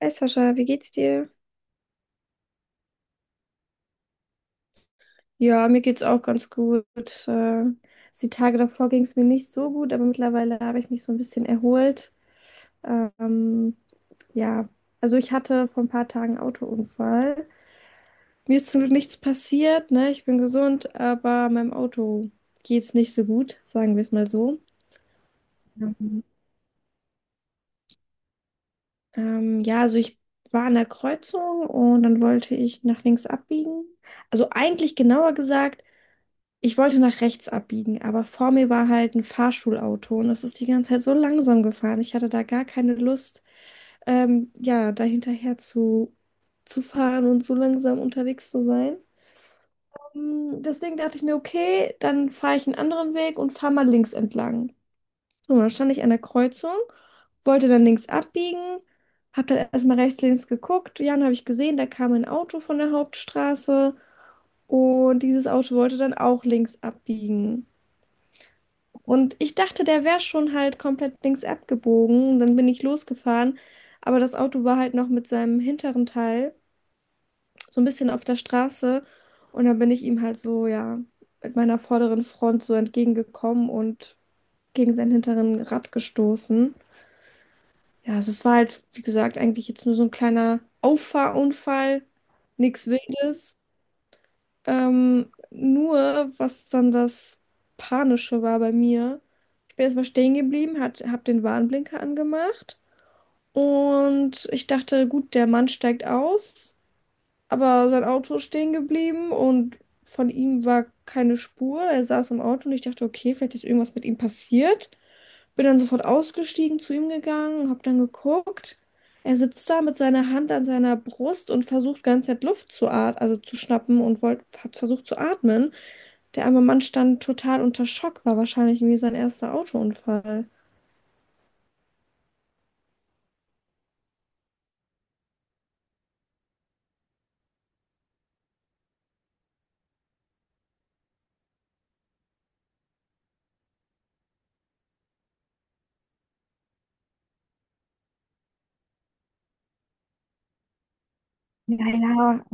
Hey Sascha, wie geht's dir? Ja, mir geht's auch ganz gut. Die Tage davor ging es mir nicht so gut, aber mittlerweile habe ich mich so ein bisschen erholt. Ähm, ja, also ich hatte vor ein paar Tagen einen Autounfall. Mir ist zum Glück nichts passiert, ne? Ich bin gesund, aber meinem Auto geht's nicht so gut, sagen wir es mal so. Mhm. Ja, also ich war an der Kreuzung und dann wollte ich nach links abbiegen. Also eigentlich genauer gesagt, ich wollte nach rechts abbiegen, aber vor mir war halt ein Fahrschulauto und das ist die ganze Zeit so langsam gefahren. Ich hatte da gar keine Lust, ja, da zu fahren und so langsam unterwegs zu sein. Deswegen dachte ich mir, okay, dann fahre ich einen anderen Weg und fahre mal links entlang. So, dann stand ich an der Kreuzung, wollte dann links abbiegen, habe dann erstmal rechts, links geguckt. Ja, dann habe ich gesehen, da kam ein Auto von der Hauptstraße und dieses Auto wollte dann auch links abbiegen. Und ich dachte, der wäre schon halt komplett links abgebogen. Dann bin ich losgefahren. Aber das Auto war halt noch mit seinem hinteren Teil so ein bisschen auf der Straße. Und dann bin ich ihm halt so, ja, mit meiner vorderen Front so entgegengekommen und gegen sein hinteren Rad gestoßen. Ja, also es war halt, wie gesagt, eigentlich jetzt nur so ein kleiner Auffahrunfall. Nichts Wildes. Nur, was dann das Panische war bei mir, ich bin erstmal stehen geblieben, hab den Warnblinker angemacht und ich dachte, gut, der Mann steigt aus, aber sein Auto ist stehen geblieben und von ihm war keine Spur. Er saß im Auto und ich dachte, okay, vielleicht ist irgendwas mit ihm passiert. Bin dann sofort ausgestiegen, zu ihm gegangen, hab dann geguckt. Er sitzt da mit seiner Hand an seiner Brust und versucht ganze Zeit Luft zu atmen, also zu schnappen und hat versucht zu atmen. Der arme Mann stand total unter Schock, war wahrscheinlich irgendwie sein erster Autounfall. Ja, ja,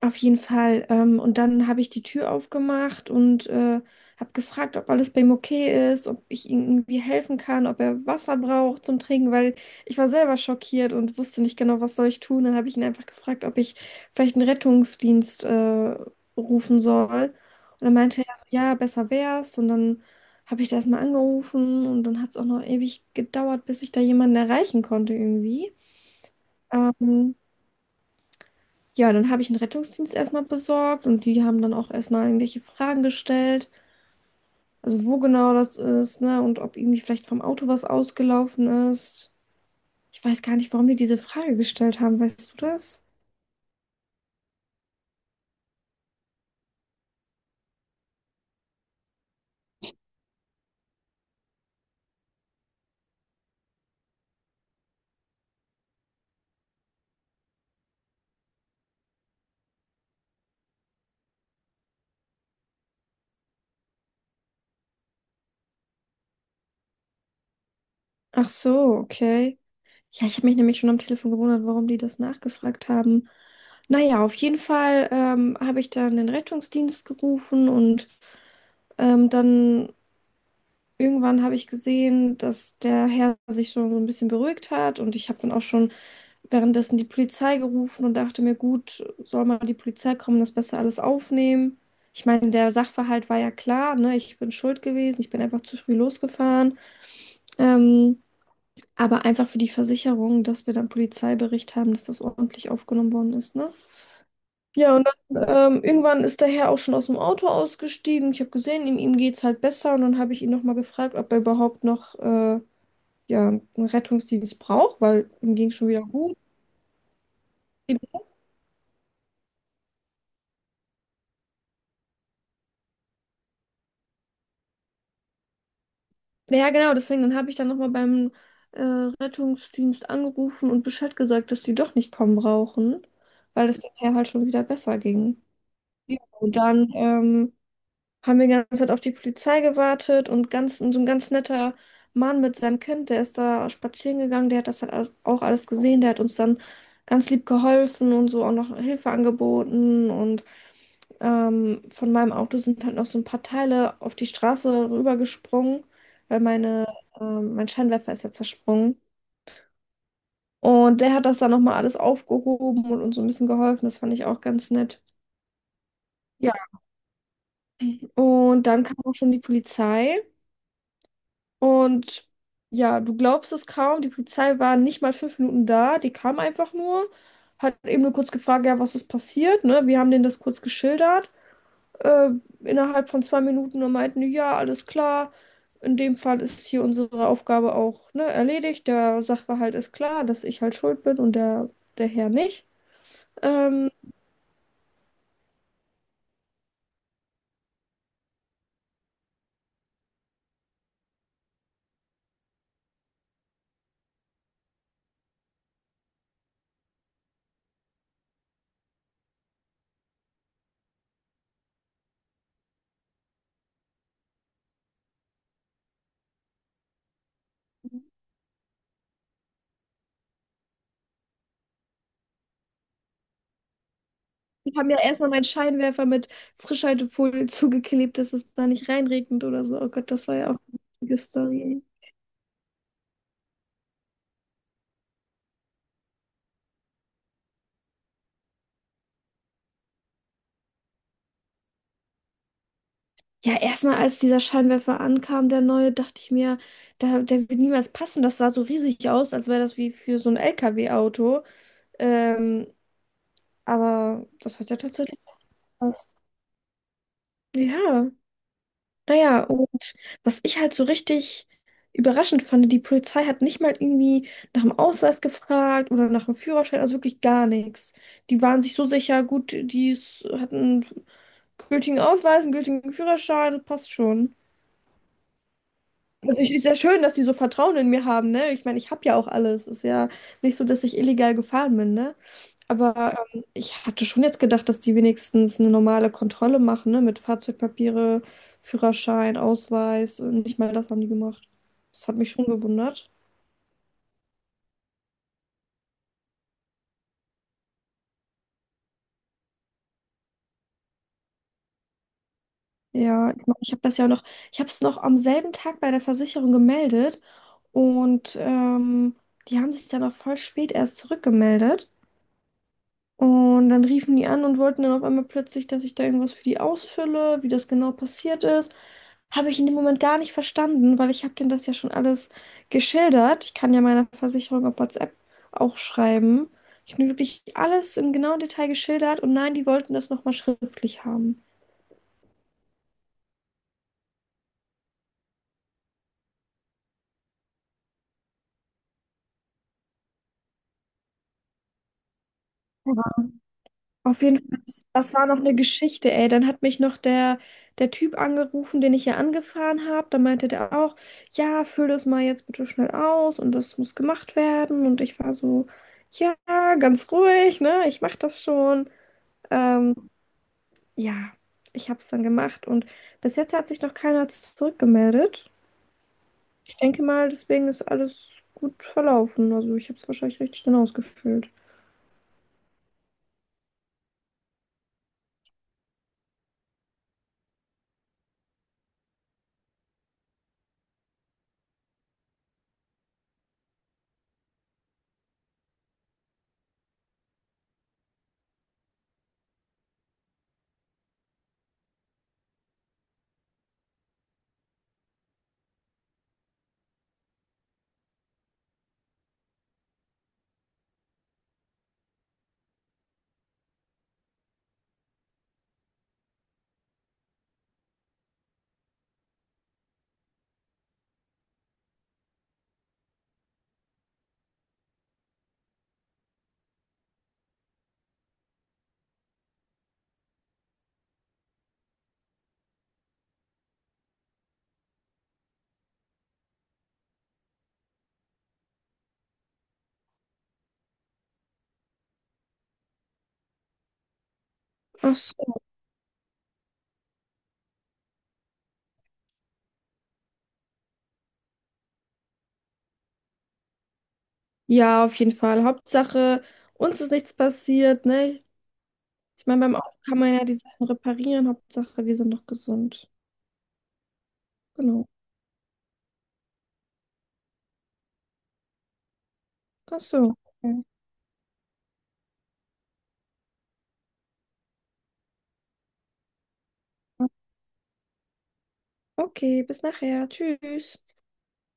auf jeden Fall. Und dann habe ich die Tür aufgemacht und habe gefragt, ob alles bei ihm okay ist, ob ich ihm irgendwie helfen kann, ob er Wasser braucht zum Trinken, weil ich war selber schockiert und wusste nicht genau, was soll ich tun. Dann habe ich ihn einfach gefragt, ob ich vielleicht einen Rettungsdienst rufen soll. Und dann meinte er so, ja, besser wär's. Und dann habe ich da erstmal angerufen und dann hat es auch noch ewig gedauert, bis ich da jemanden erreichen konnte irgendwie. Ähm, ja, dann habe ich einen Rettungsdienst erstmal besorgt und die haben dann auch erstmal irgendwelche Fragen gestellt. Also wo genau das ist, ne? Und ob irgendwie vielleicht vom Auto was ausgelaufen ist. Ich weiß gar nicht, warum die diese Frage gestellt haben. Weißt du das? Ach so, okay. Ja, ich habe mich nämlich schon am Telefon gewundert, warum die das nachgefragt haben. Naja, auf jeden Fall habe ich dann den Rettungsdienst gerufen und dann irgendwann habe ich gesehen, dass der Herr sich schon so ein bisschen beruhigt hat und ich habe dann auch schon währenddessen die Polizei gerufen und dachte mir, gut, soll mal die Polizei kommen, das besser alles aufnehmen. Ich meine, der Sachverhalt war ja klar, ne? Ich bin schuld gewesen, ich bin einfach zu früh losgefahren. Ähm, aber einfach für die Versicherung, dass wir dann Polizeibericht haben, dass das ordentlich aufgenommen worden ist, ne? Ja, und dann irgendwann ist der Herr auch schon aus dem Auto ausgestiegen. Ich habe gesehen, ihm geht es halt besser. Und dann habe ich ihn nochmal gefragt, ob er überhaupt noch ja, einen Rettungsdienst braucht, weil ihm ging es schon wieder gut. Ja, genau, deswegen, dann habe ich dann nochmal beim Rettungsdienst angerufen und Bescheid gesagt, dass die doch nicht kommen brauchen, weil es dem Herr halt schon wieder besser ging. Ja, und dann haben wir die ganze Zeit auf die Polizei gewartet und so ein ganz netter Mann mit seinem Kind, der ist da spazieren gegangen, der hat das halt auch alles gesehen, der hat uns dann ganz lieb geholfen und so auch noch Hilfe angeboten und von meinem Auto sind halt noch so ein paar Teile auf die Straße rübergesprungen, weil mein Scheinwerfer ist ja zersprungen. Und der hat das dann nochmal alles aufgehoben und uns so ein bisschen geholfen. Das fand ich auch ganz nett. Ja. Und dann kam auch schon die Polizei. Und ja, du glaubst es kaum, die Polizei war nicht mal 5 Minuten da, die kam einfach nur, hat eben nur kurz gefragt, ja, was ist passiert, ne? Wir haben denen das kurz geschildert, äh, innerhalb von 2 Minuten und meinten, die, ja, alles klar, in dem Fall ist hier unsere Aufgabe auch, ne, erledigt, der Sachverhalt ist klar, dass ich halt schuld bin und der Herr nicht. Ähm, die haben ja erstmal meinen Scheinwerfer mit Frischhaltefolie zugeklebt, dass es da nicht reinregnet oder so. Oh Gott, das war ja auch eine lustige Story. Ja, erstmal als dieser Scheinwerfer ankam, der neue, dachte ich mir, da, der wird niemals passen. Das sah so riesig aus, als wäre das wie für so ein LKW-Auto. Ähm, aber das hat ja tatsächlich gepasst. Ja, naja, und was ich halt so richtig überraschend fand, die Polizei hat nicht mal irgendwie nach dem Ausweis gefragt oder nach dem Führerschein, also wirklich gar nichts. Die waren sich so sicher, gut, hatten einen gültigen Ausweis, einen gültigen Führerschein, passt schon. Also ich, ist ja schön, dass die so Vertrauen in mir haben, ne? Ich meine, ich habe ja auch alles. Ist ja nicht so, dass ich illegal gefahren bin, ne? Aber ich hatte schon jetzt gedacht, dass die wenigstens eine normale Kontrolle machen, ne? Mit Fahrzeugpapiere, Führerschein, Ausweis. Und nicht mal das haben die gemacht. Das hat mich schon gewundert. Ja, ich meine, ich habe es noch am selben Tag bei der Versicherung gemeldet und die haben sich dann auch voll spät erst zurückgemeldet. Und dann riefen die an und wollten dann auf einmal plötzlich, dass ich da irgendwas für die ausfülle, wie das genau passiert ist. Habe ich in dem Moment gar nicht verstanden, weil ich habe denen das ja schon alles geschildert. Ich kann ja meiner Versicherung auf WhatsApp auch schreiben. Ich habe mir wirklich alles im genauen Detail geschildert und nein, die wollten das nochmal schriftlich haben. Auf jeden Fall, das war noch eine Geschichte, ey. Dann hat mich noch der Typ angerufen, den ich ja angefahren habe. Da meinte der auch, ja, füll das mal jetzt bitte schnell aus und das muss gemacht werden. Und ich war so, ja, ganz ruhig, ne? Ich mach das schon. Ähm, ja, ich habe es dann gemacht und bis jetzt hat sich noch keiner zurückgemeldet. Ich denke mal, deswegen ist alles gut verlaufen. Also ich habe es wahrscheinlich richtig schnell ausgefüllt. Ach so. Ja, auf jeden Fall. Hauptsache, uns ist nichts passiert, ne? Ich meine, beim Auto kann man ja die Sachen reparieren. Hauptsache, wir sind noch gesund. Genau. Ach so. Okay, Okay, bis nachher. Tschüss.